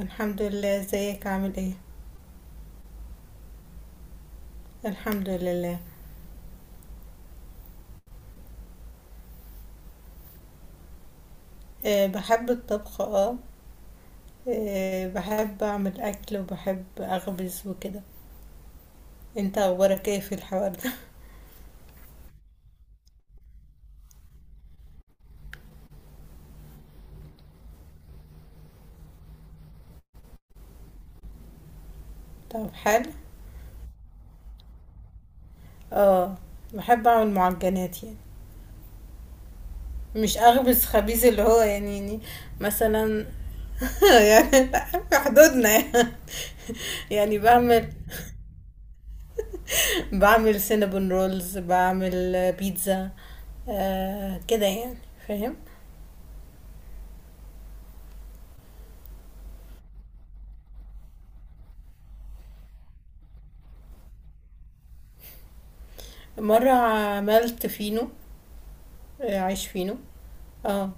الحمد لله، ازيك؟ عامل ايه؟ الحمد لله. بحب الطبخ. اه. آه، بحب اعمل اكل وبحب اخبز وكده. انت اخبارك ايه في الحوار ده؟ طب، حلو. اه، بحب اعمل معجنات يعني. مش اخبز خبيز اللي هو يعني. مثلا. يعني في حدودنا يعني. يعني بعمل سينابون رولز، بعمل بيتزا. آه، كده يعني. فاهم؟ مرة عملت فينو. آه، عايش فينو. اه.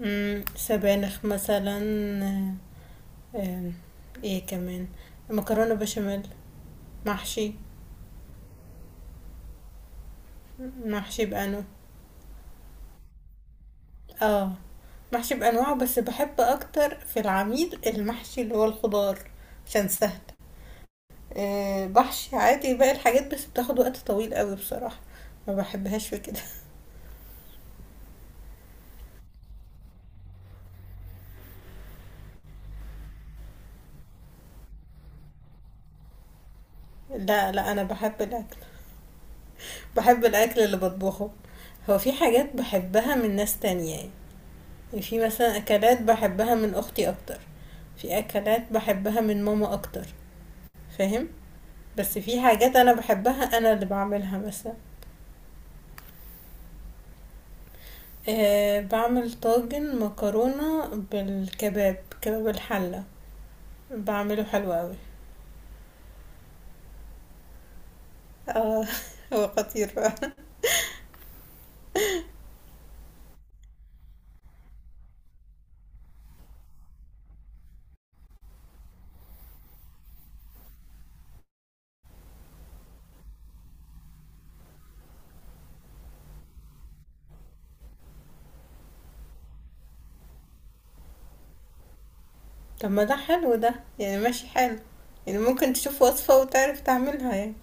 سبانخ مثلا. آه. آه. ايه كمان؟ مكرونة بشاميل. محشي. محشي بأنو. اه، محشي بأنواعه، بس بحب أكتر في العميل المحشي اللي هو الخضار. عشان سهل. آه، بحشي عادي باقي الحاجات، بس بتاخد وقت طويل قوي بصراحة. ما بحبهاش في كده. لا لا، أنا بحب الأكل. بحب الأكل اللي بطبخه. هو في حاجات بحبها من ناس تانية يعني. في مثلا اكلات بحبها من اختي اكتر. في اكلات بحبها من ماما اكتر. فاهم؟ بس في حاجات انا بحبها، انا اللي بعملها مثلا. أه، بعمل طاجن مكرونة بالكباب، كباب الحلة. بعمله حلو قوي. اه. هو خطير بقى. طب، ما ده حلو، ده يعني ماشي حلو. يعني ممكن تشوف وصفة وتعرف تعملها يعني،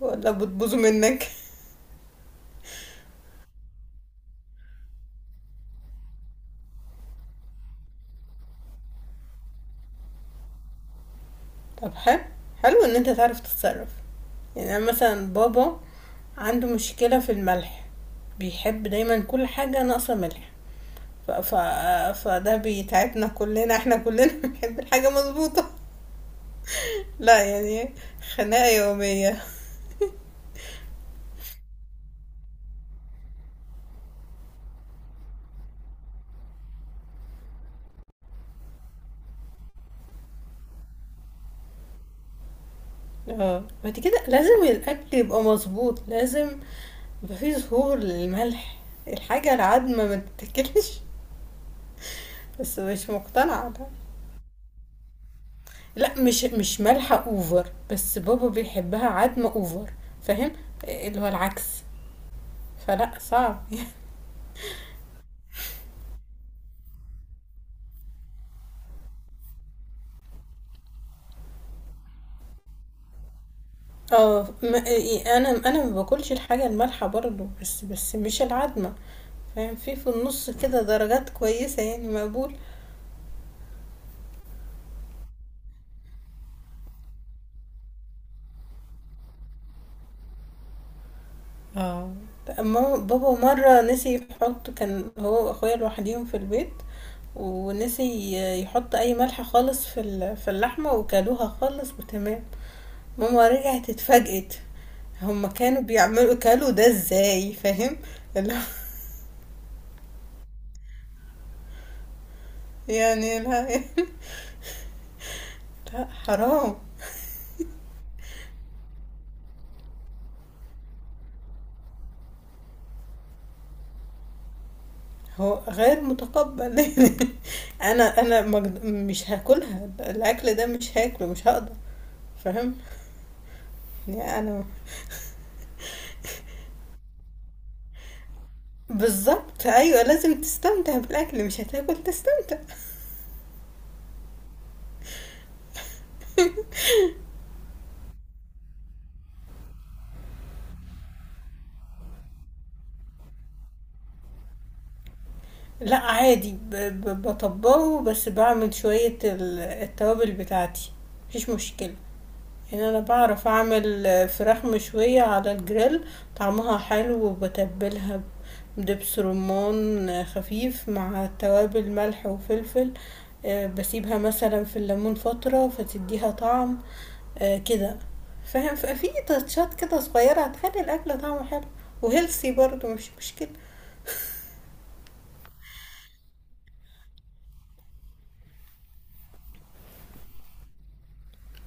ولا بتبوظه منك؟ طب، حلو. حلو ان انت تعرف تتصرف. يعني انا مثلا بابا عنده مشكلة في الملح. بيحب دايما كل حاجة ناقصة ملح. ف... ف... فده بيتعبنا كلنا، احنا كلنا بنحب الحاجة مظبوطة. لا يعني، خناقة يومية. اه، بعد كده لازم الأكل يبقى مظبوط، لازم يبقى فيه ظهور للملح. الحاجة العدمة ما تتاكلش. بس مش مقتنعة ده. لا، مش مالحة اوفر، بس بابا بيحبها عدمة اوفر. فاهم؟ اللي هو العكس. فلا، صعب. اه، ما انا ما باكلش الحاجه المالحه برضو، بس مش العدمه. فاهم؟ في النص كده درجات كويسه يعني مقبول. اه، اما بابا مره نسي يحط، كان هو واخويا لوحديهم في البيت، ونسي يحط اي ملح خالص في اللحمه، وكلوها خالص وتمام. ماما رجعت، اتفاجئت. هما كانوا بيعملوا كلوا ده ازاي؟ فاهم اللي هو يعني. لا، لا حرام. هو غير متقبل. انا مش هاكلها، الاكل ده مش هاكله، مش هقدر. فاهم؟ يعني انا. بالظبط، ايوه، لازم تستمتع بالاكل، مش هتاكل تستمتع. لا، عادي، بطبقه، بس بعمل شويه التوابل بتاعتي. مفيش مشكله. يعني انا بعرف اعمل فراخ مشوية على الجريل. طعمها حلو، وبتبلها بدبس رمان خفيف مع توابل ملح وفلفل. آه، بسيبها مثلا في الليمون فترة، فتديها طعم. آه، كده. فاهم؟ في تاتشات كده صغيرة هتخلي الاكل طعمه حلو وهيلثي برضو، مش مشكلة.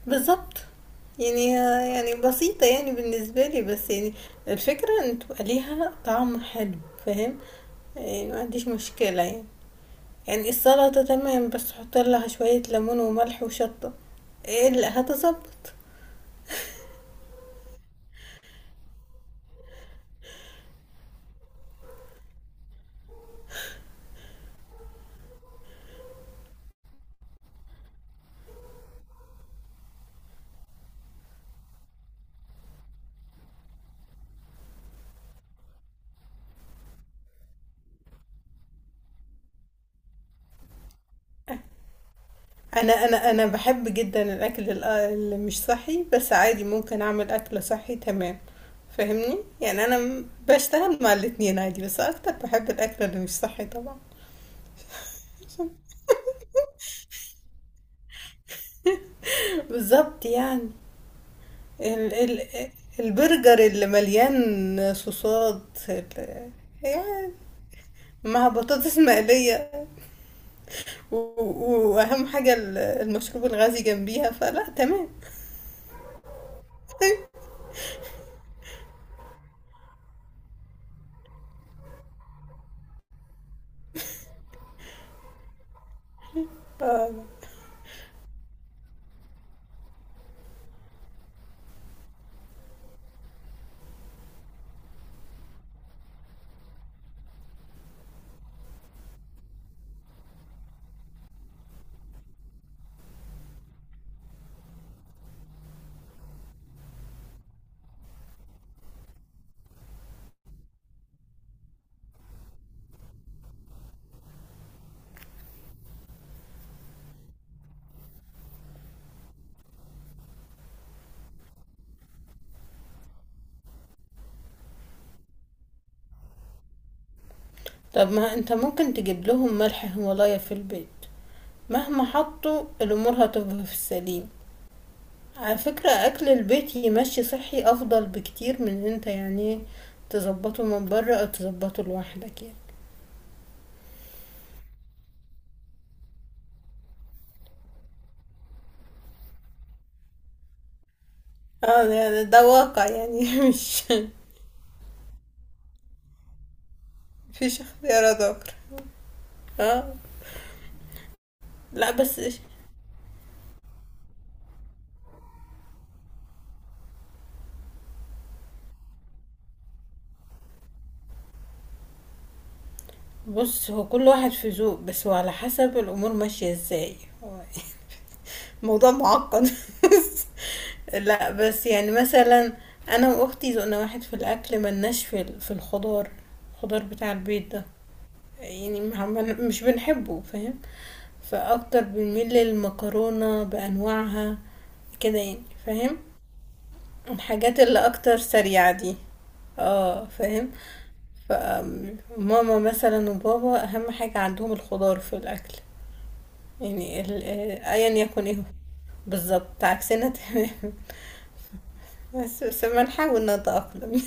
بالضبط. يعني يعني بسيطة يعني بالنسبة لي، بس يعني الفكرة إن تبقى ليها طعم حلو. فاهم؟ يعني ما عنديش مشكلة يعني. يعني السلطة تمام، بس حُط لها شوية ليمون وملح وشطة، هتضبّط. أنا باحب جدًا الأكل اللي مش صحّي، بس عادي ممكن أعمل أكل صحّي تمام. فاهمني؟ يعني أنا م باشتغل مع الاتنين عادي، بس أكتر باحب الأكل اللي مش صحّي طبعًا. بالضبط يعني. ال ال البرجر اللي مليان صوصات يعني، مع بطاطس مقلية، وأهم حاجة المشروب الغازي جنبيها، فلا تمام. آه. طب، ما انت ممكن تجيب لهم ملح هيمالايا في البيت. مهما حطوا، الأمور هتبقى في السليم. على فكرة، أكل البيت يمشي صحي أفضل بكتير من إن انت يعني تظبطه من بره أو تظبطه لوحدك يعني. اه، ده واقع يعني. مش مفيش اختيار ذكر. اه، لا، بس بص هو كل واحد في ذوق، بس هو على حسب الامور ماشيه ازاي. هو موضوع معقد. لا، بس يعني مثلا انا واختي ذوقنا واحد في الاكل، ملناش في الخضار. الخضار بتاع البيت ده يعني مش بنحبه. فاهم؟ فاكتر بنميل للمكرونه بانواعها، كده يعني. فاهم؟ الحاجات اللي اكتر سريعه دي. اه، فاهم. فماما مثلا وبابا أهم حاجة عندهم الخضار في الأكل. يعني أيا يكن ايه هو. بالظبط، عكسنا تمام. بس بنحاول نتأقلم.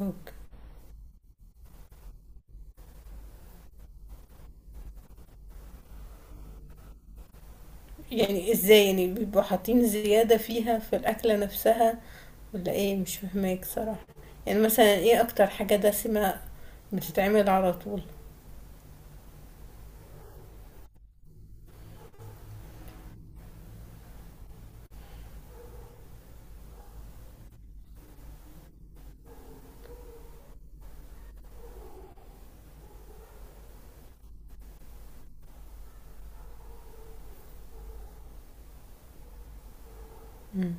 اوكي. يعني ازاي يعني بيبقوا حاطين زيادة فيها في الأكلة نفسها، ولا ايه؟ مش فاهماك صراحة. يعني مثلا ايه أكتر حاجة دسمة بتتعمل على طول؟ مم.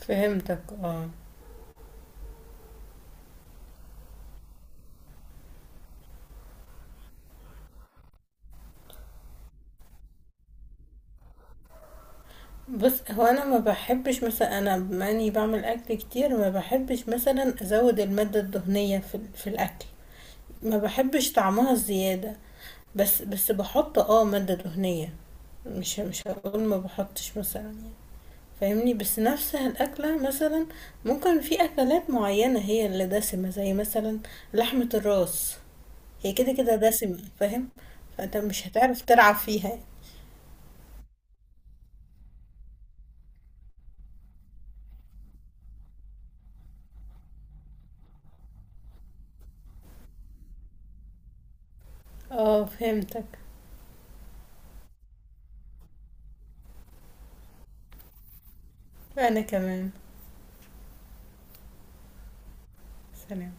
فهمتك، اه. بُص، هو أنا ما باحبش مثلًا، أنا بما إني باعمل أكل كتير، ما باحبش مثلًا أزوّد المادة الدهنية في الأكل. ما باحبش طعمها الزيادة، بس باحط مادة دهنية. مش هاقول ما باحطش مثلًا يعني، فاهمني؟ بس نفسها الأكلة مثلًا ممكن في أكلات معيّنة هي اللي دسمة، زي مثلًا لحمة الراس، هي كده، كده دسمة. فاهم؟ فأنت مش هتعرف تلعب فيها. آه، فهمتك. أنا كمان. سلام.